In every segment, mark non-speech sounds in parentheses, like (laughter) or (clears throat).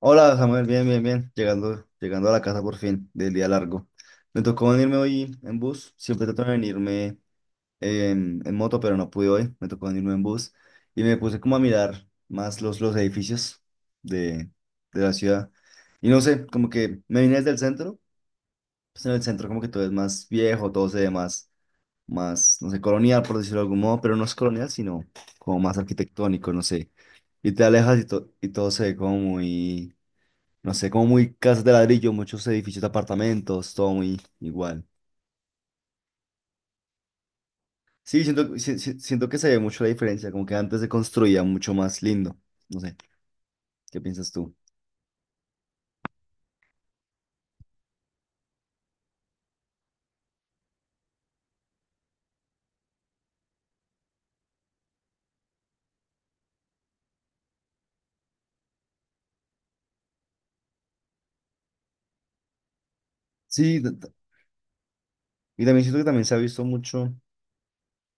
Hola Samuel, bien, bien, bien. Llegando, llegando a la casa por fin del día largo. Me tocó venirme hoy en bus. Siempre trato de venirme en moto, pero no pude hoy. Me tocó venirme en bus. Y me puse como a mirar más los edificios de, de la ciudad. Y no sé, como que me vine desde el centro. Pues en el centro como que todo es más viejo, todo se ve más, no sé, colonial, por decirlo de algún modo. Pero no es colonial, sino como más arquitectónico, no sé. Y te alejas y, y todo se ve como muy no sé, como muy casas de ladrillo, muchos edificios de apartamentos, todo muy igual. Sí, siento, siento que se ve mucho la diferencia, como que antes se construía mucho más lindo. No sé, ¿qué piensas tú? Sí, y también siento que también se ha visto mucho,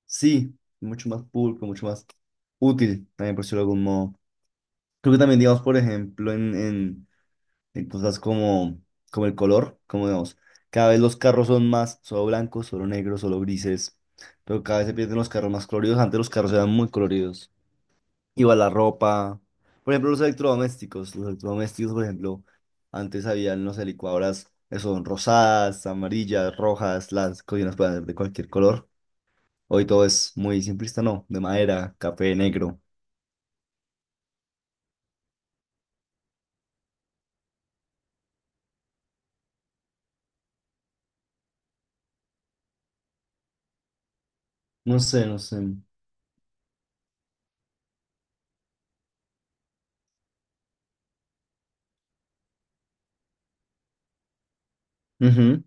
sí, mucho más pulcro, mucho más útil, también por decirlo de algún modo. Creo que también, digamos, por ejemplo, en cosas como, como el color, como digamos, cada vez los carros son más solo blancos, solo negros, solo grises, pero cada vez se pierden los carros más coloridos. Antes los carros eran muy coloridos. Iba la ropa. Por ejemplo, los electrodomésticos. Los electrodomésticos, por ejemplo, antes había, no sé, licuadoras que son rosadas, amarillas, rojas, las cocinas pueden ser de cualquier color. Hoy todo es muy simplista, ¿no? De madera, café, negro. No sé, no sé. Ujú,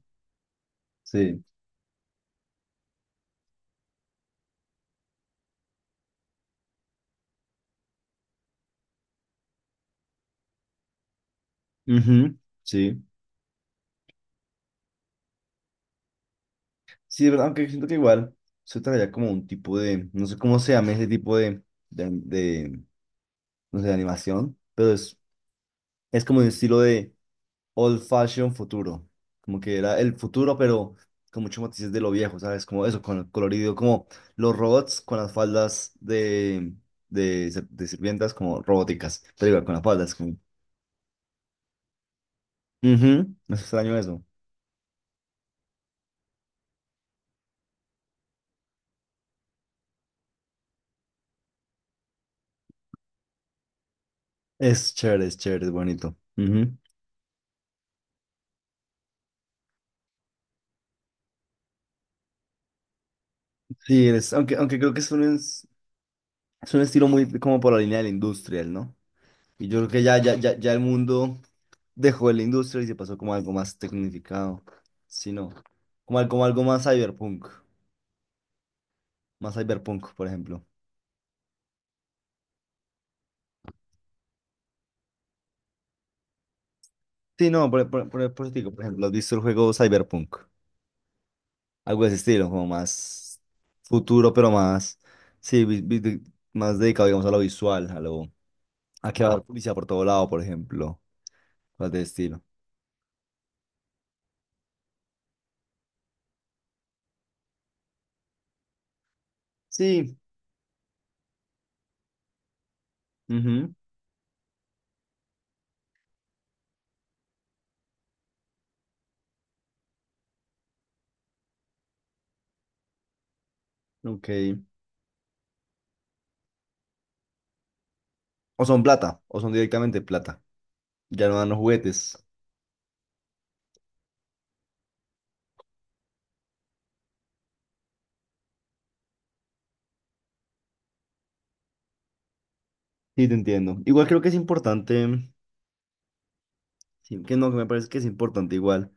sí. Ujú, sí. Sí, de verdad, aunque siento que igual se traía como un tipo de, no sé cómo se llama ese tipo de, de, de, no sé, de animación, pero es como un estilo de old fashion futuro, como que era el futuro, pero con muchos matices de lo viejo, ¿sabes? Como eso, con el colorido, como los robots con las faldas de, de sirvientas como robóticas, pero igual con las faldas. Como... Ujú, no es extraño eso. Es chévere, es chévere, es bonito. Ujú. Sí, aunque, aunque creo que es un estilo muy como por la línea del industrial, ¿no? Y yo creo que ya el mundo dejó de la industria y se pasó como algo más tecnificado, sino como, como algo más cyberpunk. Más Cyberpunk, por ejemplo. Sí, no, por eso te digo, por ejemplo, ¿has visto el juego Cyberpunk? Algo de ese estilo, como más futuro, pero más, sí, más dedicado, digamos, a lo visual, a que va a haber policía por todo lado, por ejemplo, cosas de ese estilo. Sí, ujú, ok. O son plata, o son directamente plata. Ya no dan los juguetes. Sí, te entiendo. Igual creo que es importante, sí, que no, que me parece que es importante igual.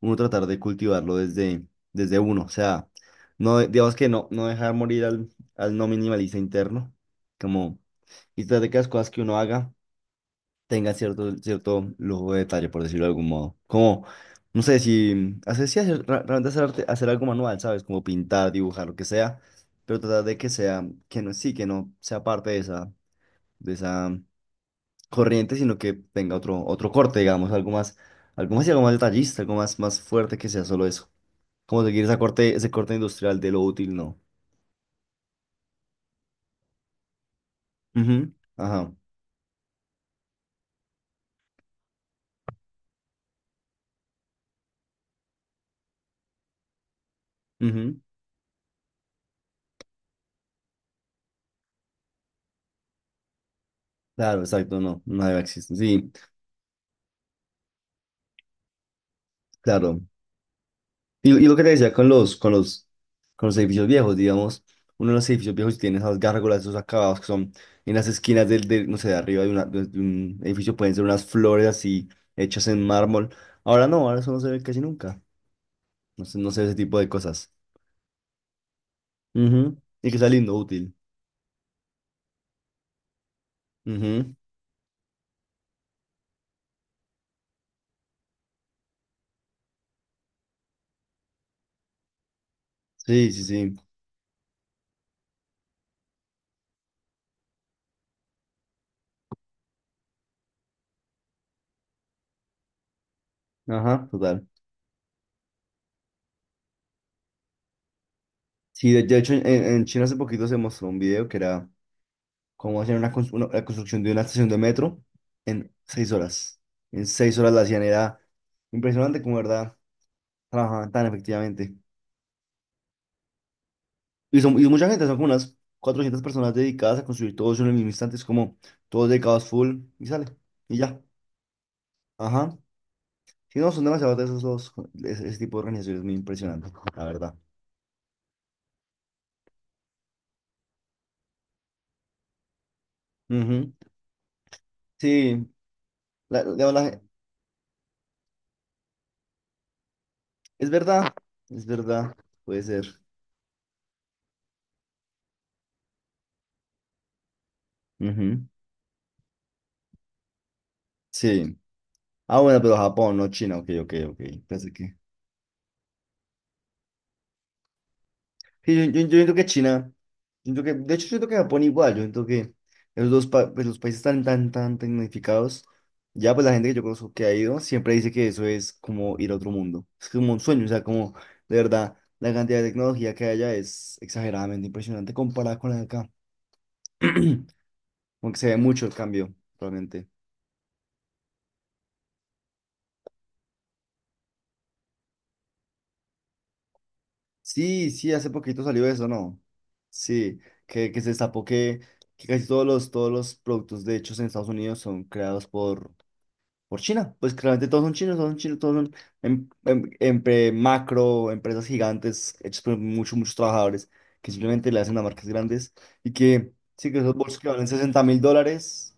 Uno tratar de cultivarlo desde, desde uno. O sea, no, digamos que no, no dejar morir al, al no minimalista interno, como, y tratar de que las cosas que uno haga tengan cierto, cierto lujo de detalle, por decirlo de algún modo. Como, no sé, si hacer, sí, hacer, realmente hacer, hacer algo manual, ¿sabes? Como pintar, dibujar, lo que sea, pero tratar de que sea, que no, sí, que no sea parte de esa corriente, sino que tenga otro, otro corte, digamos, algo más y algo más detallista, algo más, más fuerte que sea solo eso. Como seguir esa corte, ese corte industrial de lo útil, no. Ujú. Ajá. Ujú. Claro, exacto, no, no debe existir. Sí, claro. Y lo que te decía con los, edificios viejos, digamos, uno de los edificios viejos tiene esas gárgolas, esos acabados que son en las esquinas del, no sé, de arriba de, de un edificio pueden ser unas flores así hechas en mármol. Ahora no, ahora eso no se ve casi nunca. No sé ese tipo de cosas. Ujú, y que sea lindo, útil. Ujú. Sí, sí, sí. Ajá, total. Sí, de hecho, en China hace poquito se mostró un video que era cómo hacer la construcción de una estación de metro en 6 horas. En seis horas la hacían, era impresionante como, verdad, trabajaban tan efectivamente. Y mucha gente, son como unas 400 personas dedicadas a construir todo eso en el mismo instante. Es como todos dedicados full y sale. Y ya. Ajá. Sí, no, son demasiados de esos ese tipo de organizaciones, es muy impresionante, la verdad. Ujú. Sí, la- la- la- es verdad, es verdad, puede ser. Ujú. Sí. Ah, bueno, pero Japón, no China. Ok, ok, ok. Pensé que... Sí, yo siento que China... yo siento que... De hecho, yo siento que Japón igual. Yo siento que esos dos pues, los países tan tecnificados. Ya, pues la gente que yo conozco que ha ido siempre dice que eso es como ir a otro mundo. Es como un sueño. O sea, como de verdad, la cantidad de tecnología que hay allá es exageradamente impresionante comparada con la de acá. (clears throat) Aunque se ve mucho el cambio, realmente. Sí, sí, hace poquito salió eso, ¿no? Sí, que se destapó que casi todos los productos de hechos en Estados Unidos son creados por China. Pues claramente todos son chinos, todos son chinos, todos son em- em- macro, empresas gigantes, hechas por muchos, muchos trabajadores, que simplemente le hacen a marcas grandes y que, sí, que esos bolsos que valen 60.000 dólares,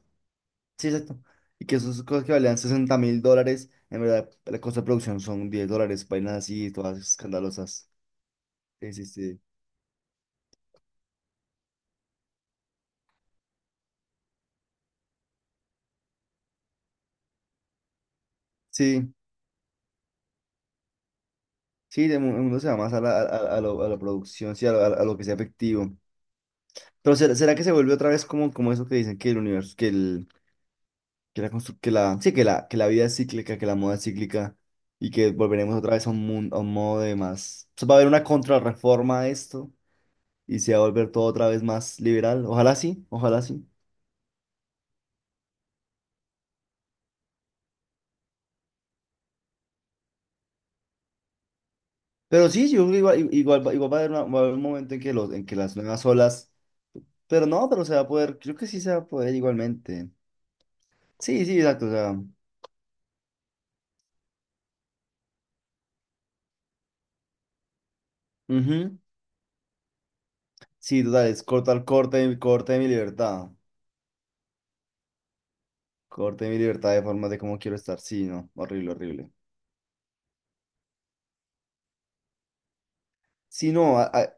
sí, exacto, y que esas cosas que valían 60.000 dólares, en verdad, la costa de producción son 10 dólares, vainas así, todas escandalosas. Sí, sí, sí. Sí, sí, uno se va más a la, a la producción, sí, a lo que sea efectivo. Pero ¿será, será que se vuelve otra vez como, como eso que dicen que el universo, que la, sí, que la vida es cíclica, que la moda es cíclica y que volveremos otra vez a un mundo, a un modo de más. O sea, va a haber una contrarreforma a esto y se va a volver todo otra vez más liberal. Ojalá sí, ojalá sí. Pero sí, yo creo que va igual va a haber un momento en que los, en que las nuevas olas, pero no, pero se va a poder, creo que sí se va a poder igualmente. Sí, sí, exacto, o sea. Ujú. Sí, total, es cortar corte, corte de mi libertad. Corte de mi libertad de formas de cómo quiero estar. Sí, no, horrible, horrible. Sí, no,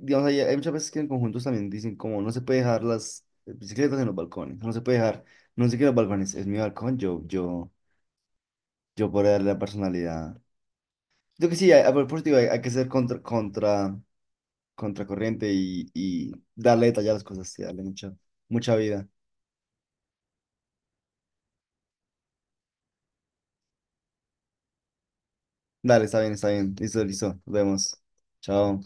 digamos, hay muchas veces que en conjuntos también dicen como no se puede dejar las bicicletas en los balcones, no se puede dejar, no sé qué en los balcones, es mi balcón, yo, por darle la personalidad. Yo que sí, a propósito, hay que ser contracorriente y darle detalle a las cosas, sí, darle mucha, mucha vida. Dale, está bien, listo, listo, nos vemos. Chao.